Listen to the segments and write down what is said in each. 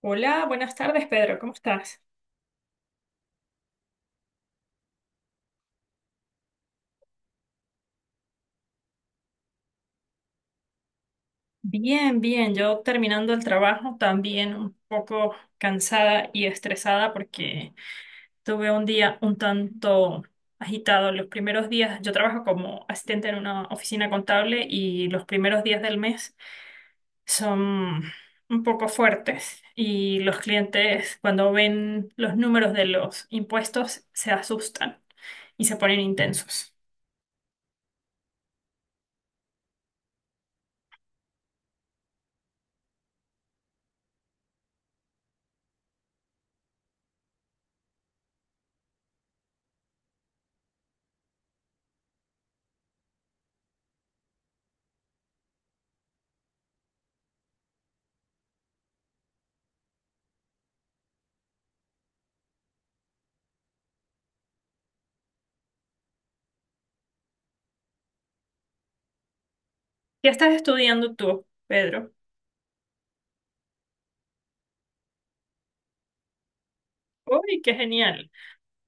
Hola, buenas tardes, Pedro. ¿Cómo estás? Bien, bien. Yo terminando el trabajo, también un poco cansada y estresada porque tuve un día un tanto agitado. Los primeros días, yo trabajo como asistente en una oficina contable y los primeros días del mes son un poco fuertes y los clientes cuando ven los números de los impuestos se asustan y se ponen intensos. ¿Qué estás estudiando tú, Pedro? ¡Uy, qué genial!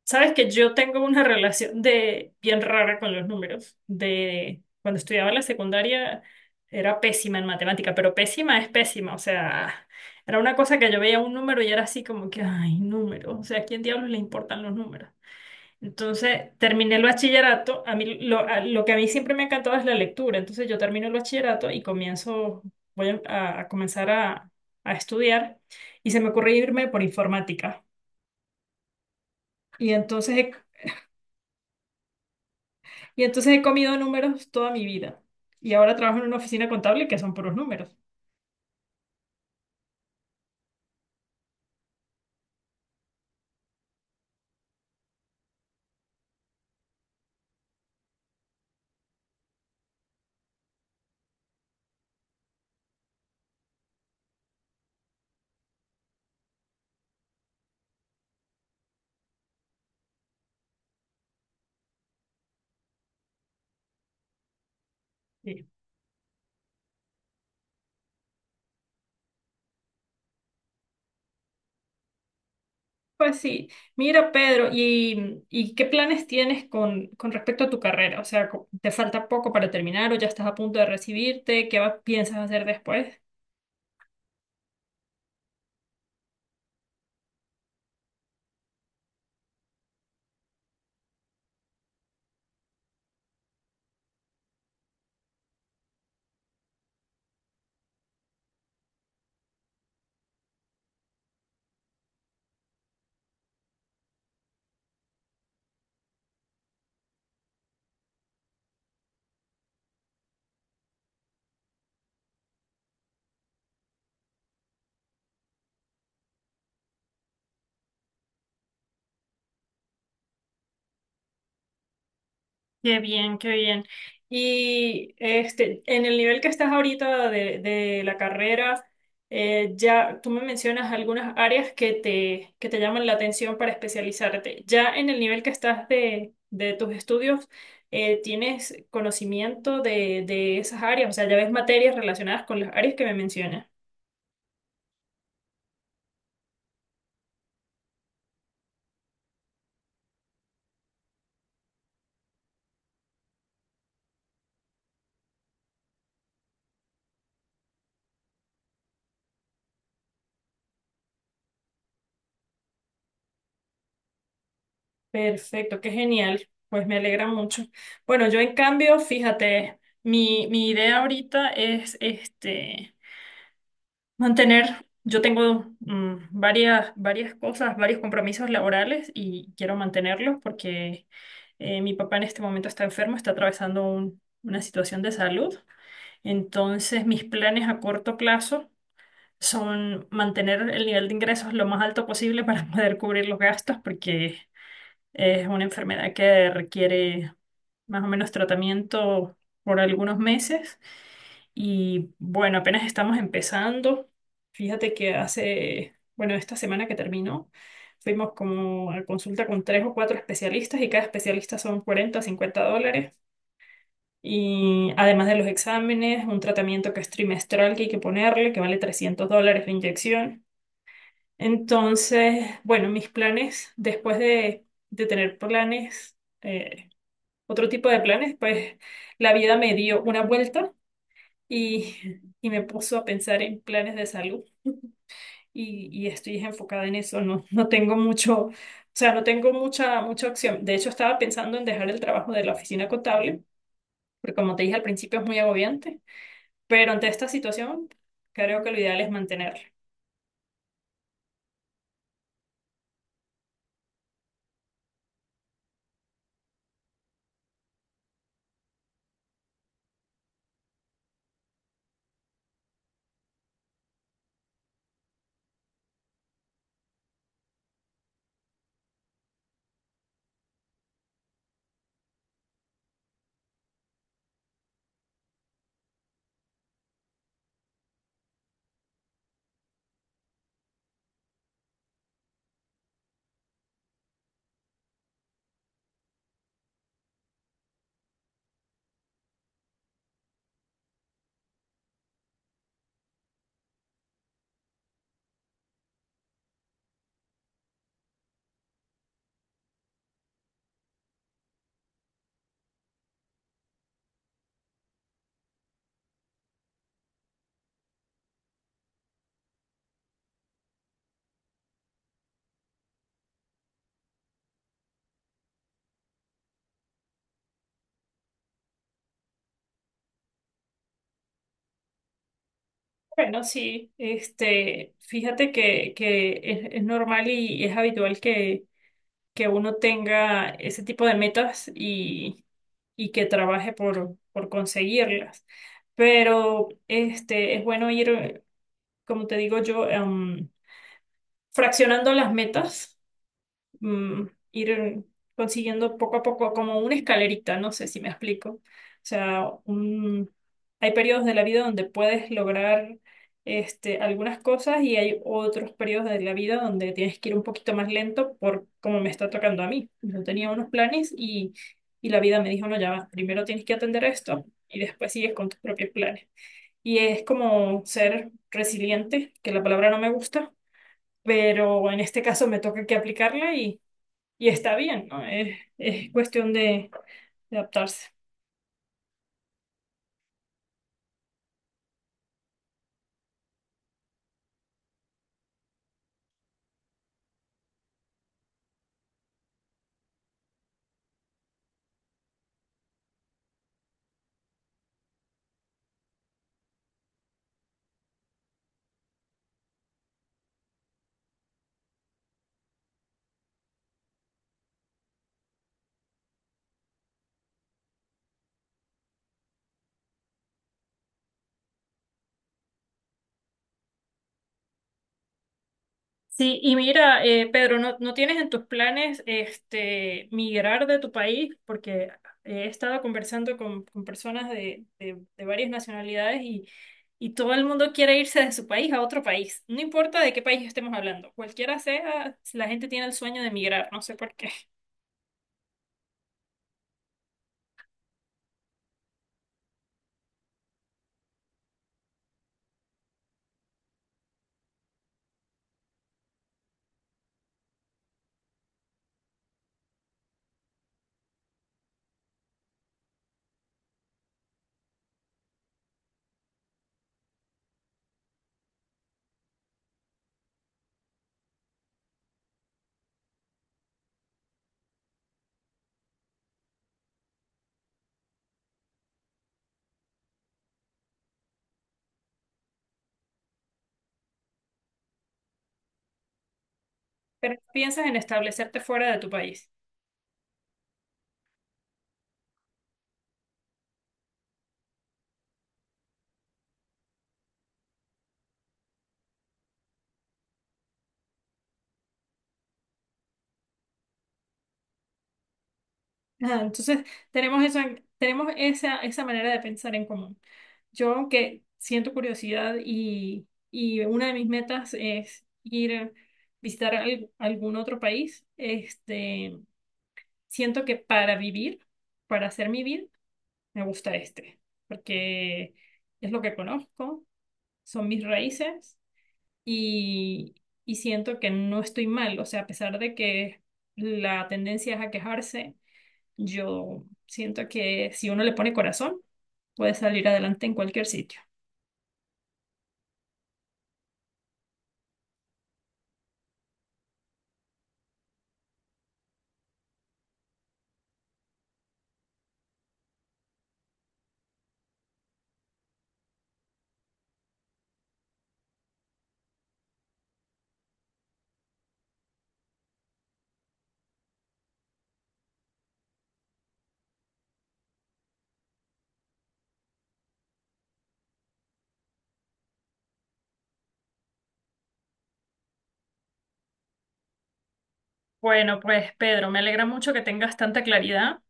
Sabes que yo tengo una relación de bien rara con los números. De cuando estudiaba en la secundaria era pésima en matemática, pero pésima es pésima, o sea, era una cosa que yo veía un número y era así como que, ay, números, o sea, ¿a quién diablos le importan los números? Entonces, terminé el bachillerato, a mí lo, a- lo que a mí siempre me ha encantado es la lectura, entonces yo termino el bachillerato y comienzo, voy a comenzar a estudiar y se me ocurrió irme por informática. Y entonces Y entonces he comido números toda mi vida. Y ahora trabajo en una oficina contable que son puros números. Sí. Pues sí. Mira, Pedro, ¿y qué planes tienes con respecto a tu carrera? O sea, ¿te falta poco para terminar o ya estás a punto de recibirte? ¿ piensas hacer después? Qué bien, qué bien. Y este, en el nivel que estás ahorita de la carrera, ya tú me mencionas algunas áreas que te llaman la atención para especializarte. Ya en el nivel que estás de tus estudios, ¿tienes conocimiento de esas áreas? O sea, ya ves materias relacionadas con las áreas que me mencionas. Perfecto, qué genial. Pues me alegra mucho. Bueno, yo en cambio, fíjate, mi idea ahorita es este. Mantener, yo tengo varias cosas, varios compromisos laborales y quiero mantenerlos porque mi papá en este momento está enfermo, está atravesando una situación de salud. Entonces, mis planes a corto plazo son mantener el nivel de ingresos lo más alto posible para poder cubrir los gastos porque es una enfermedad que requiere más o menos tratamiento por algunos meses. Y bueno, apenas estamos empezando. Fíjate que hace, bueno, esta semana que terminó, fuimos como a consulta con tres o cuatro especialistas y cada especialista son 40 o $50. Y además de los exámenes, un tratamiento que es trimestral que hay que ponerle, que vale $300 la inyección. Entonces, bueno, mis planes, después de tener planes, eh, otro tipo de planes, pues la vida me dio una vuelta y, y me puso a pensar en planes de salud y estoy enfocada en eso. No, no tengo mucho, o sea, no tengo mucha opción. De hecho, estaba pensando en dejar el trabajo de la oficina contable, porque como te dije al principio es muy agobiante, pero ante esta situación creo que lo ideal es mantenerlo. Bueno, sí, este, fíjate que es normal y es habitual que uno tenga ese tipo de metas y que trabaje por conseguirlas. Pero este, es bueno ir, como te digo yo, fraccionando las metas ir consiguiendo poco a poco como una escalerita, no sé si me explico. O sea, hay periodos de la vida donde puedes lograr este, algunas cosas y hay otros periodos de la vida donde tienes que ir un poquito más lento por como me está tocando a mí. Yo tenía unos planes y la vida me dijo, no, ya va, primero tienes que atender esto y después sigues con tus propios planes. Y es como ser resiliente, que la palabra no me gusta, pero en este caso me toca que aplicarla y está bien, ¿no? Es cuestión de adaptarse. Sí, y mira, Pedro, ¿no tienes en tus planes este, migrar de tu país? Porque he estado conversando con personas de varias nacionalidades y todo el mundo quiere irse de su país a otro país. No importa de qué país estemos hablando, cualquiera sea, la gente tiene el sueño de migrar, no sé por qué. Pero piensas en establecerte fuera de tu país. Ajá, entonces, tenemos esa, tenemos esa manera de pensar en común. Yo, aunque siento curiosidad y una de mis metas es ir a visitar algún otro país, este, siento que para vivir, para hacer mi vida, me gusta este, porque es lo que conozco, son mis raíces y, y siento que no estoy mal. O sea, a pesar de que la tendencia es a quejarse, yo siento que si uno le pone corazón, puede salir adelante en cualquier sitio. Bueno, pues Pedro, me alegra mucho que tengas tanta claridad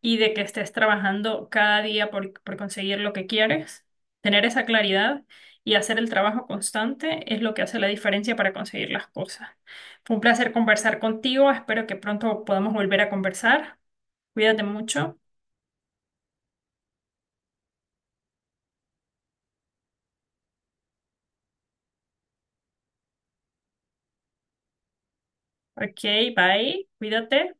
y de que estés trabajando cada día por conseguir lo que quieres, tener esa claridad y hacer el trabajo constante es lo que hace la diferencia para conseguir las cosas. Fue un placer conversar contigo, espero que pronto podamos volver a conversar. Cuídate mucho. Ok, bye, cuídate.